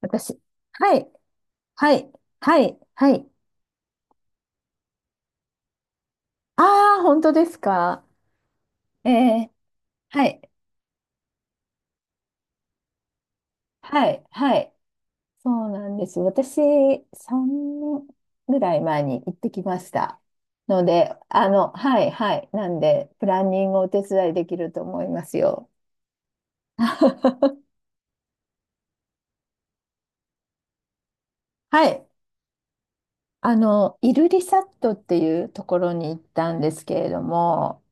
私。はい。はい。はい。はい。ああ、本当ですか。ええ、はい。はい。はい。そうなんです。私、3年ぐらい前に行ってきました。ので、はい。はい。なんで、プランニングをお手伝いできると思いますよ。はい。イルリサットっていうところに行ったんですけれども、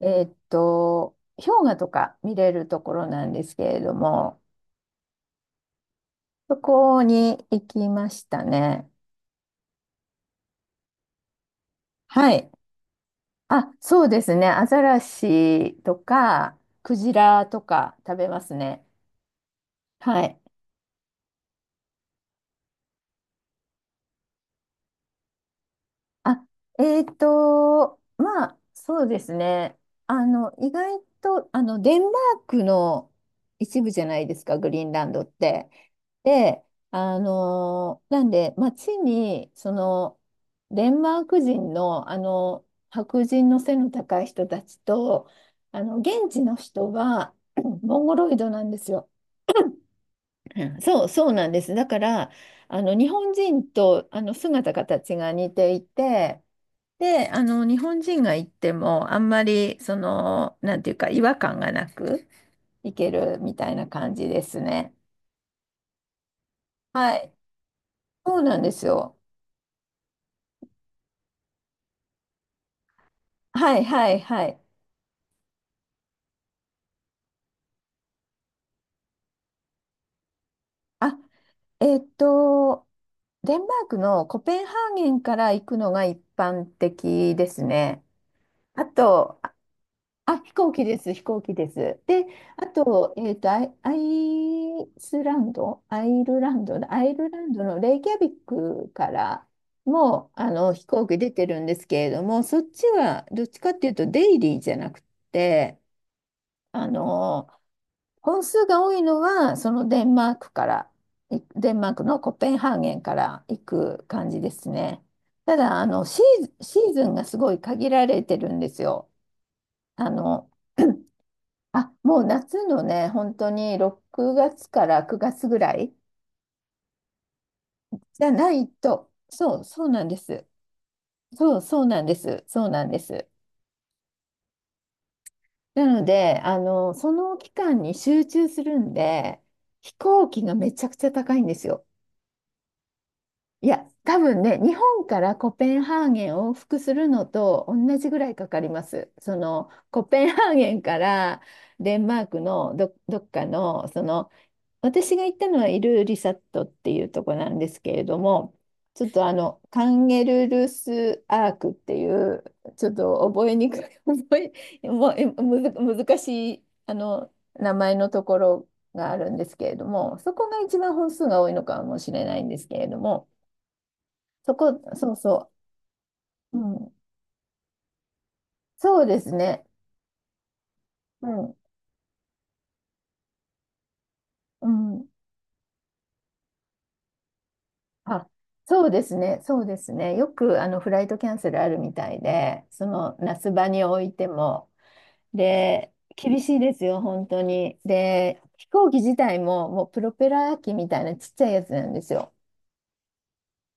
氷河とか見れるところなんですけれども、そこに行きましたね。はい。あ、そうですね。アザラシとか、クジラとか食べますね。はい。あ、まあ、そうですね。意外と、デンマークの一部じゃないですか、グリーンランドって。で、あのなんで、街に、デンマーク人の、白人の背の高い人たちと、現地の人は、モンゴロイドなんですよ。うん、そう、そうなんです。だから、日本人と、姿形が似ていて、で、日本人が行っても、あんまり、なんていうか、違和感がなく行けるみたいな感じですね。はい。そうなんですよ。はい、はい、はい。あ、えーっと、デンマークのコペンハーゲンから行くのが一般的ですね。あと、あ、飛行機です、飛行機です。で、あと、アイスランド、アイルランドのレイキャビックからも、飛行機出てるんですけれども、そっちはどっちかっていうと、デイリーじゃなくて、あの、本数が多いのは、そのデンマークから、デンマークのコペンハーゲンから行く感じですね。ただ、シーズンがすごい限られてるんですよ。あの、あ、もう夏のね、本当に6月から9月ぐらいじゃないと、そう、そうなんです。そう、そうなんです。そうなんです。なので、その期間に集中するんで、飛行機がめちゃくちゃ高いんですよ。いや、多分ね、日本からコペンハーゲン往復するのと同じぐらいかかります。その、コペンハーゲンからデンマークのど、どっかの、その、私が行ったのはイルーリサットっていうとこなんですけれども、ちょっとあのカンゲルルスアークっていう、ちょっと覚えにくい、もうえむず、難しいあの名前のところがあるんですけれども、そこが一番本数が多いのかもしれないんですけれども、そうそう、うん、そうですね、うん、うん、あ、そうですね、そうですね。よくあのフライトキャンセルあるみたいで、その那須場においても、で、厳しいですよ、本当に。で、飛行機自体も、もうプロペラ機みたいなちっちゃいやつなんですよ。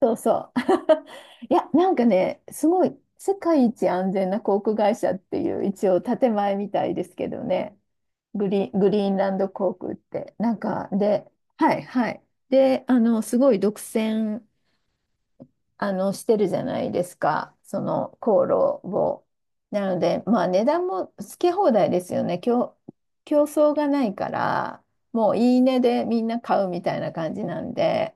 そうそう。いや、なんかね、すごい、世界一安全な航空会社っていう、一応建前みたいですけどね。グリーンランド航空って。なんか、で、はい、はい。で、すごい独占あの、してるじゃないですか。その、航路を。なので、まあ、値段もつけ放題ですよね。競争がないから、もういいねでみんな買うみたいな感じなんで、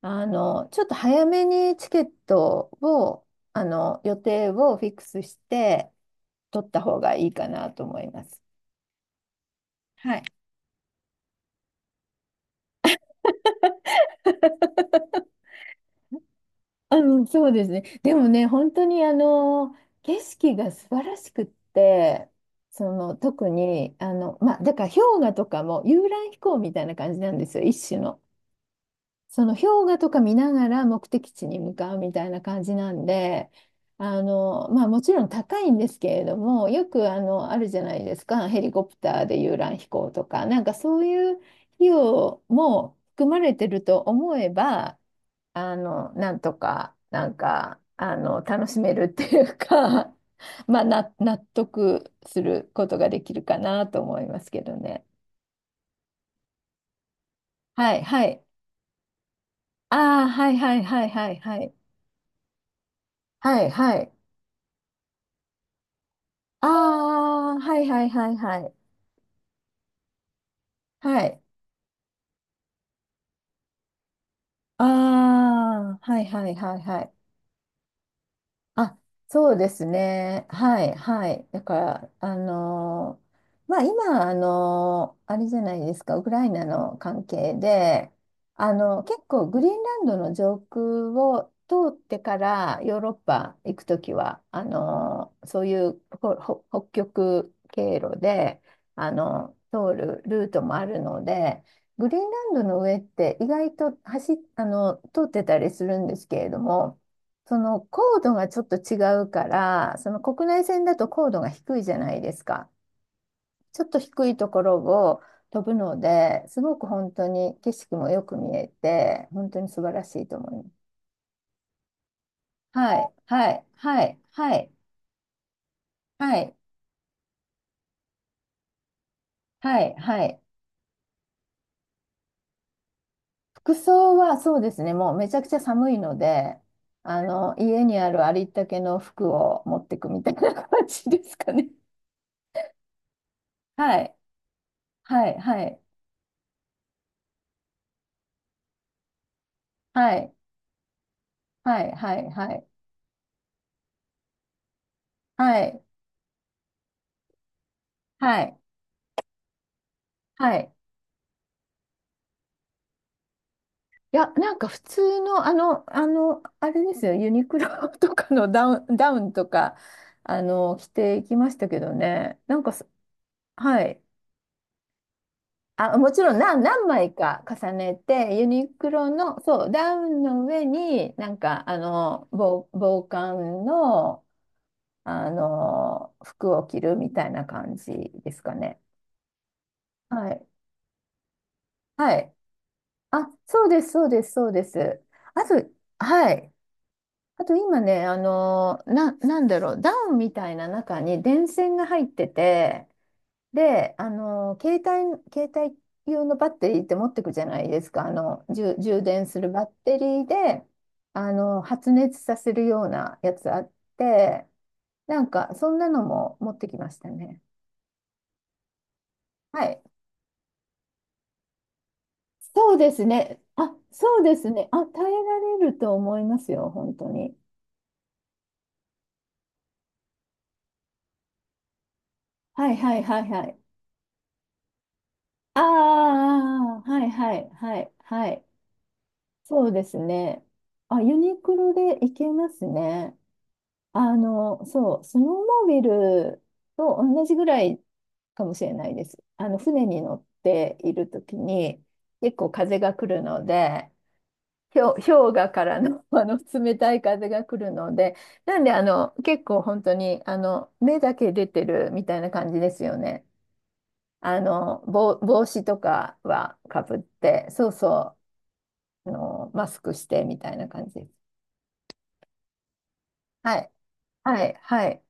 ちょっと早めにチケットを、予定をフィックスして、取った方がいいかなと思います。はい。うん、そうですね。でもね、本当に景色が素晴らしくって、その特にまあ、だから氷河とかも遊覧飛行みたいな感じなんですよ、一種の。その氷河とか見ながら目的地に向かうみたいな感じなんで、もちろん高いんですけれども、よくあのあるじゃないですか、ヘリコプターで遊覧飛行とか、なんかそういう費用も含まれてると思えば、なんとか、なんか、楽しめるっていうか、まあ、納得することができるかなと思いますけどね。はい、はい。ああ、はい、はい、はい、はい、はい。はい、はい。ああ、はい、はい、はい、はい。はい。ああ、はい、はい、はい、はい。あ、そうですね。はい、はい。だから、まあ、今、あれじゃないですか、ウクライナの関係で、結構、グリーンランドの上空を通ってからヨーロッパ行くときは、そういうほ北極経路で、通るルートもあるので、グリーンランドの上って意外と通ってたりするんですけれども、その高度がちょっと違うから、その国内線だと高度が低いじゃないですか。ちょっと低いところを飛ぶので、すごく本当に景色もよく見えて、本当に素晴らしいと思います。はい、はい、はい、はい、はい、はい、はい。服装はそうですね、もうめちゃくちゃ寒いので、家にあるありったけの服を持ってくみたいな感じですかね。はい、はい、はい、はい、はい、はい、はい、はい。はい。いや、なんか普通の、あれですよ、ユニクロ とかの ダウンとか、着ていきましたけどね。なんかす、はい。あ、もちろん何枚か重ねて、ユニクロの、そう、ダウンの上に、なんか、防寒の、服を着るみたいな感じですかね。はい。はい。あ、そうです、そうです、そうです。あと、はい。あと今ね、なんだろう、ダウンみたいな中に電線が入ってて、で、携帯用のバッテリーって持ってくじゃないですか、充電するバッテリーで、発熱させるようなやつあって、なんか、そんなのも持ってきましたね。はい。そうですね。あ、そうですね。あ、耐えられると思いますよ、本当に。はい、はい、はい、はい。ああ、はい、はい、はい、はい。そうですね。あ、ユニクロで行けますね。そう、スノーモービルと同じぐらいかもしれないです。船に乗っているときに、結構風が来るので、氷河からの、あの冷たい風が来るので、なんで、結構本当に、目だけ出てるみたいな感じですよね。帽子とかはかぶって、そうそう、マスクしてみたいな感じです。はい、はい、はい、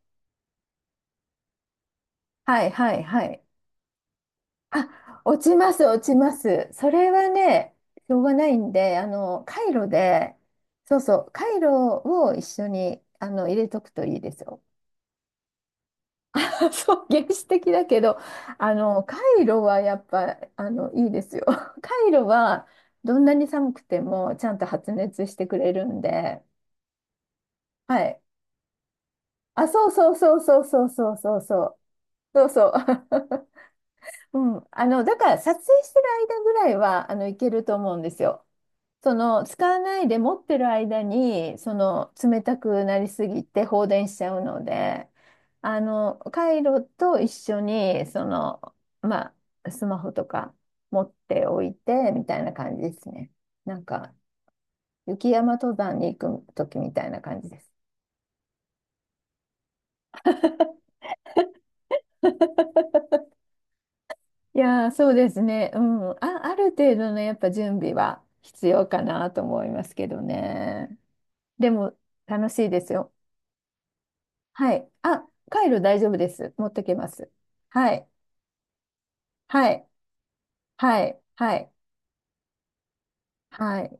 はい、はい、はい。あ、落ちます、落ちます。それはね、しょうがないんで、カイロで、そうそう、カイロを一緒に、入れとくといいですよ。そう、原始的だけど、カイロはやっぱ、いいですよ。カイロは、どんなに寒くても、ちゃんと発熱してくれるんで、はい。あ、そうそうそうそうそうそうそうそう。そうそう。うん、だから撮影してる間ぐらいは、いけると思うんですよ。その、使わないで持ってる間に、その、冷たくなりすぎて放電しちゃうので、カイロと一緒に、その、まあ、スマホとか持っておいて、みたいな感じですね。なんか、雪山登山に行く時みたいな感じです。いやー、そうですね。うん。あ、ある程度のやっぱ準備は必要かなと思いますけどね。でも楽しいですよ。はい。あ、カイロ大丈夫です。持ってけます。はい。はい。はい。はい。はい。